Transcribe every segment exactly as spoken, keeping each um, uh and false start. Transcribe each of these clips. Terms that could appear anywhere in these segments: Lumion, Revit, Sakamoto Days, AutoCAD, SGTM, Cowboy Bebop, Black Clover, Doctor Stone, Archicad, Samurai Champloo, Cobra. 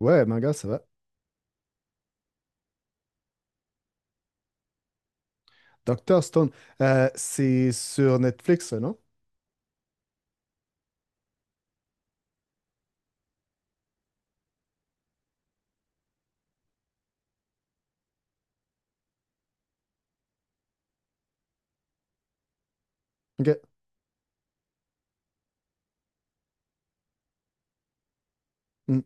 Ouais, manga, ça va. Doctor Stone, euh, c'est sur Netflix, non? Ok. Hmm.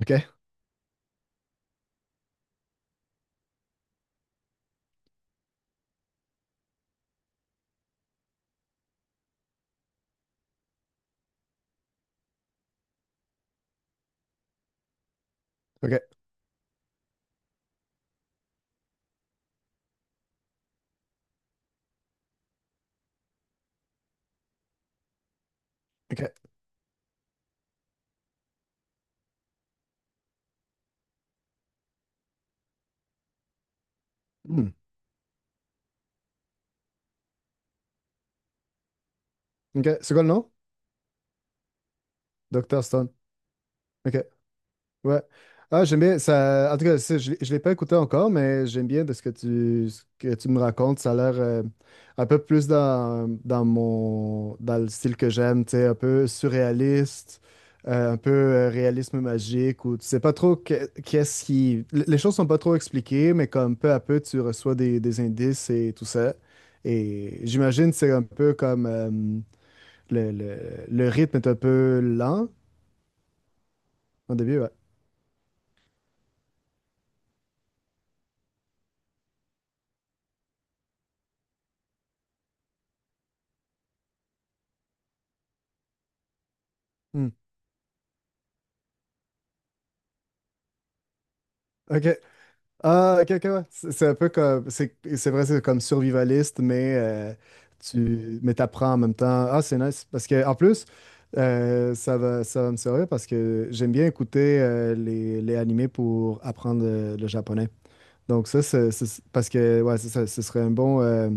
Ok. Ok. Ok. Hmm. Ok. C'est quoi le nom? docteur Stone. Ok. Ouais. Ah, j'aime bien ça. En tout cas, ça, je ne l'ai je l'ai pas écouté encore, mais j'aime bien de ce que tu, ce que tu me racontes. Ça a l'air euh, un peu plus dans, dans mon, dans le style que j'aime, tu sais, un peu surréaliste, euh, un peu euh, réalisme magique, où tu sais pas trop que- qu'est-ce qui. l- Les choses sont pas trop expliquées, mais comme peu à peu, tu reçois des, des indices et tout ça. Et j'imagine que c'est un peu comme euh, le, le, le rythme est un peu lent au début, ouais. Hmm. OK. Ah, ok, ok, ouais. C'est c'est un peu comme. C'est c'est vrai, c'est comme survivaliste, mais euh, tu mais t'apprends en même temps. Ah, c'est nice. Parce que en plus, euh, ça va, ça va me servir parce que j'aime bien écouter euh, les, les animés pour apprendre le, le japonais. Donc, ça, c'est c'est- parce que, ouais, c'est ça, ce serait un bon. euh,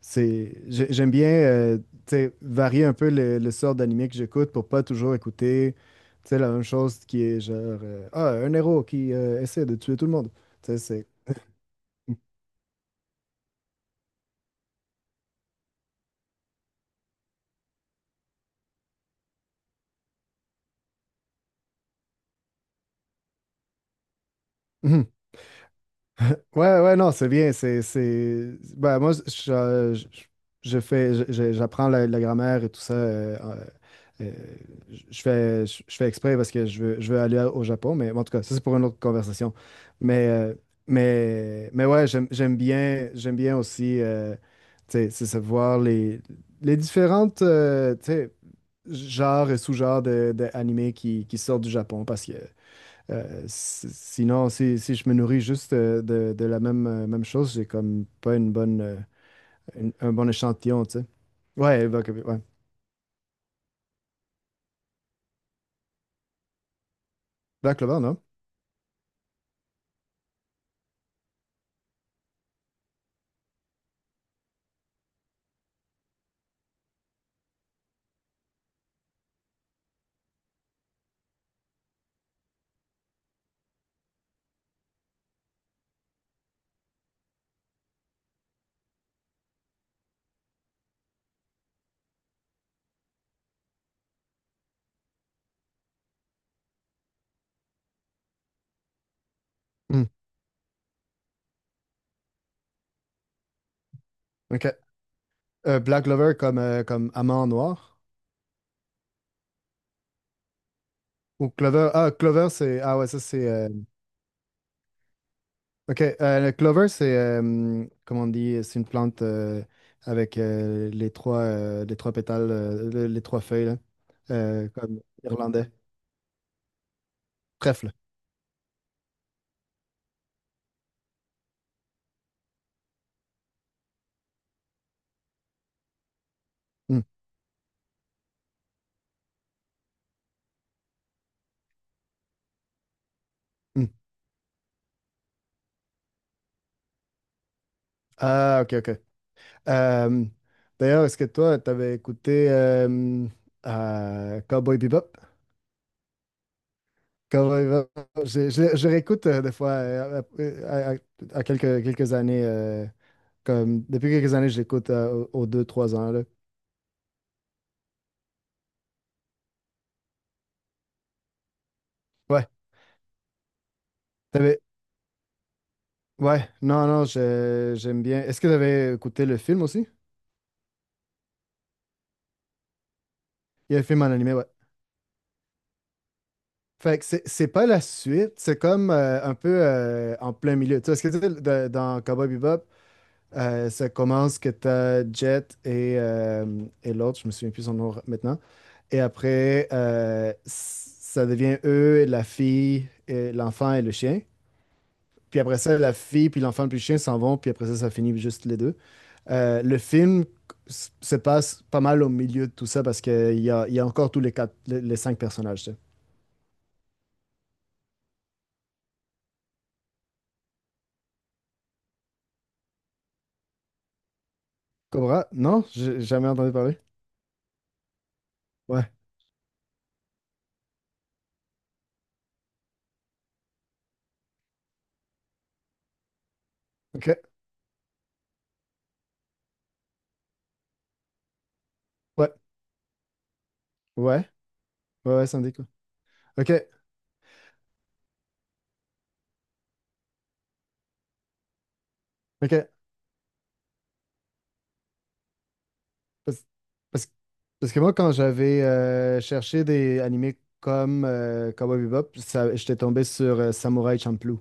c'est, j'ai- J'aime bien, euh, tu sais, varier un peu le, le sort d'animé que j'écoute pour pas toujours écouter, tu sais, la même chose qui est genre, euh, ah, un héros qui euh, essaie de tuer tout le monde. Tu sais, c'est Mhm. Ouais, ouais, non, c'est bien. C'est, c'est... Ben, moi, je, je- je fais, je- je- j'apprends la, la grammaire et tout ça. euh, euh, euh, je fais, je je fais exprès parce que je veux, je veux aller au Japon, mais bon, en tout cas, ça, c'est pour une autre conversation. Mais, euh, mais, mais ouais, j'aime, j'aime bien, j'aime bien aussi, euh, tu sais, c'est savoir les, les différentes, euh, tu sais, genres et sous-genres de, de animés qui, qui sortent du Japon parce que. Euh, si- sinon, si, si je me nourris juste euh, de, de la même, euh, même chose, j'ai comme pas une bonne, euh, une- un bon échantillon, tu sais. Ouais, Black, ouais. Black Clover, non? Hmm. OK. Euh, Black Clover comme, euh, comme amande noir. Ou Clover? Ah, Clover, c'est... Ah ouais, ça, c'est... euh, OK. Euh, le Clover, c'est... euh, comment on dit? C'est une plante euh, avec euh, les trois, euh, les trois pétales, euh, le- les trois feuilles, là. Euh, comme irlandais. Trèfle. Hmm, hmm. Ah, OK, OK. Euh, D'ailleurs, est-ce que toi, t'avais écouté euh, euh, Cowboy Bebop? Cowboy Bebop, je, je- je réécoute euh, des fois, euh, à, à- à quelques, quelques années, euh, comme, depuis quelques années, je l'écoute euh, aux aux deux, trois ans, là. Ouais, t'avais, ouais, non, non, je- j'aime bien. Est-ce que t'avais écouté le film aussi? Il y a un film en animé, ouais. Fait que c'est c'est pas la suite, c'est comme euh, un peu euh, en plein milieu. Tu sais, est-ce que tu sais, de- dans Cowboy Bebop, Euh, ça commence que t'as Jet et, euh, et l'autre, je me souviens plus son nom maintenant. Et après, euh, s- ça devient eux, la fille, et l'enfant et le chien. Puis après ça, la fille, puis l'enfant, puis le chien s'en vont. Puis après ça, ça finit juste les deux. Euh, le film s- se passe pas mal au milieu de tout ça parce qu'il y a, il y a encore tous les quatre, les, les cinq personnages, tu sais. Cobra? Non? J'ai jamais entendu parler. Ouais. OK. Ouais. Ouais. Ouais, ouais, ça me dit quoi. OK. OK. Parce, parce- Parce que moi, quand j'avais euh, cherché des animés comme euh, Cowboy Bebop, ça- j'étais tombé sur euh, Samurai Champloo.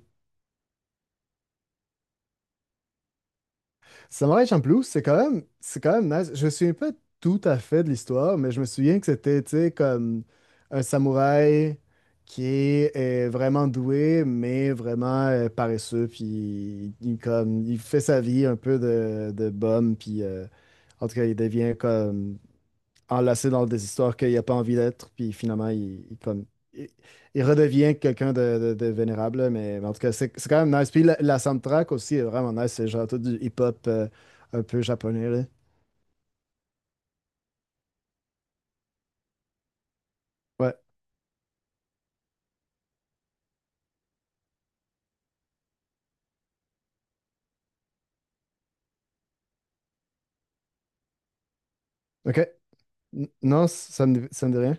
Samurai Champloo, c'est quand même, c'est quand même nice. Je me souviens pas tout à fait de l'histoire, mais je me souviens que c'était, tu sais, comme un samouraï qui est, est vraiment doué, mais vraiment euh, paresseux, puis il, comme, il fait sa vie un peu de, de bum, puis euh, en tout cas, il devient comme enlacé dans des histoires qu'il n'a pas envie d'être, puis finalement, il, il comme, il, il redevient quelqu'un de, de- de vénérable, là, mais, mais en tout cas, c'est c'est quand même nice. Puis la, la soundtrack aussi est vraiment nice, c'est genre tout du hip-hop euh, un peu japonais, là. Ouais, ok. N- non, ça me, ça me dit rien?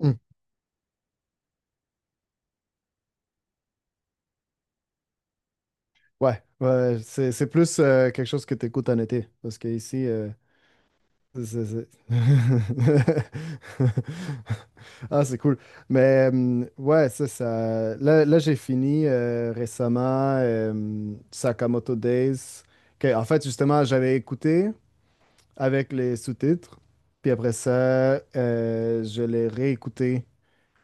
Hmm. Ouais, ouais, c'est c'est plus euh, quelque chose que tu écoutes en été, parce que ici, euh, C'est- c'est- Ah, c'est cool. Mais hum, ouais, ça, ça. Là, là, j'ai fini euh, récemment euh, Sakamoto Days. Que, en fait, justement, j'avais écouté avec les sous-titres. Puis après ça, euh, je l'ai réécouté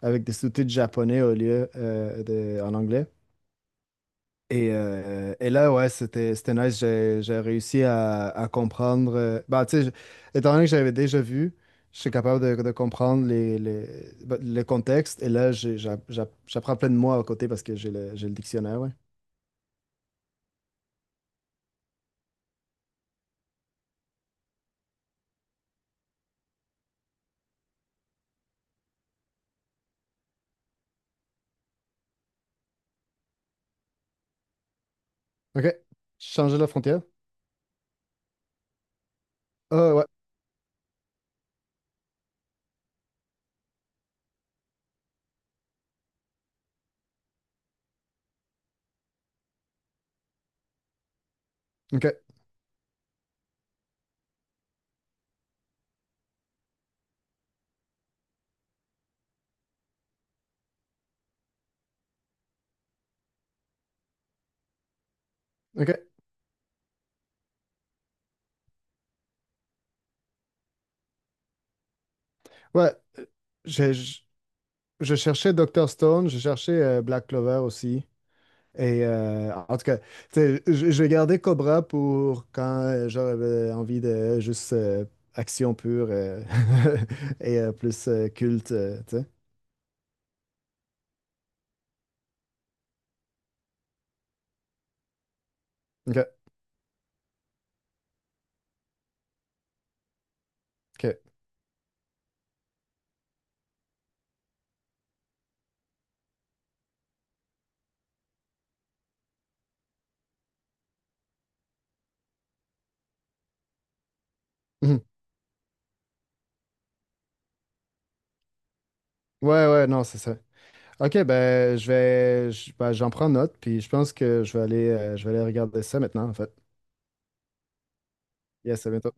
avec des sous-titres japonais au lieu euh, de- en anglais. Et, euh, et là, ouais, c'était, c'était nice. J'ai, j'ai réussi à, à comprendre. Euh, bah, tu sais, je- étant donné que j'avais déjà vu, je suis capable de, de comprendre les, les, bah, le contexte. Et là, j'ai- j'a- j'a- j'apprends plein de mots à côté parce que j'ai le, j'ai le dictionnaire, ouais. OK. Changer la frontière. Ah, ouais. OK. OK. Ouais. euh, j'ai- Je, je cherchais docteur Stone, je cherchais euh, Black Clover aussi. Et euh, en tout cas, tu sais, je je vais garder Cobra pour quand euh, j'aurais euh, envie de juste euh, action pure euh, et euh, plus euh, culte, euh, tu sais. OK, OK. Mhm. Ouais, ouais, non, c'est ça. OK, ben, je vais, je- ben, j'en prends note, puis je pense que je vais aller, euh, je vais aller regarder ça maintenant, en fait. Yes, à bientôt.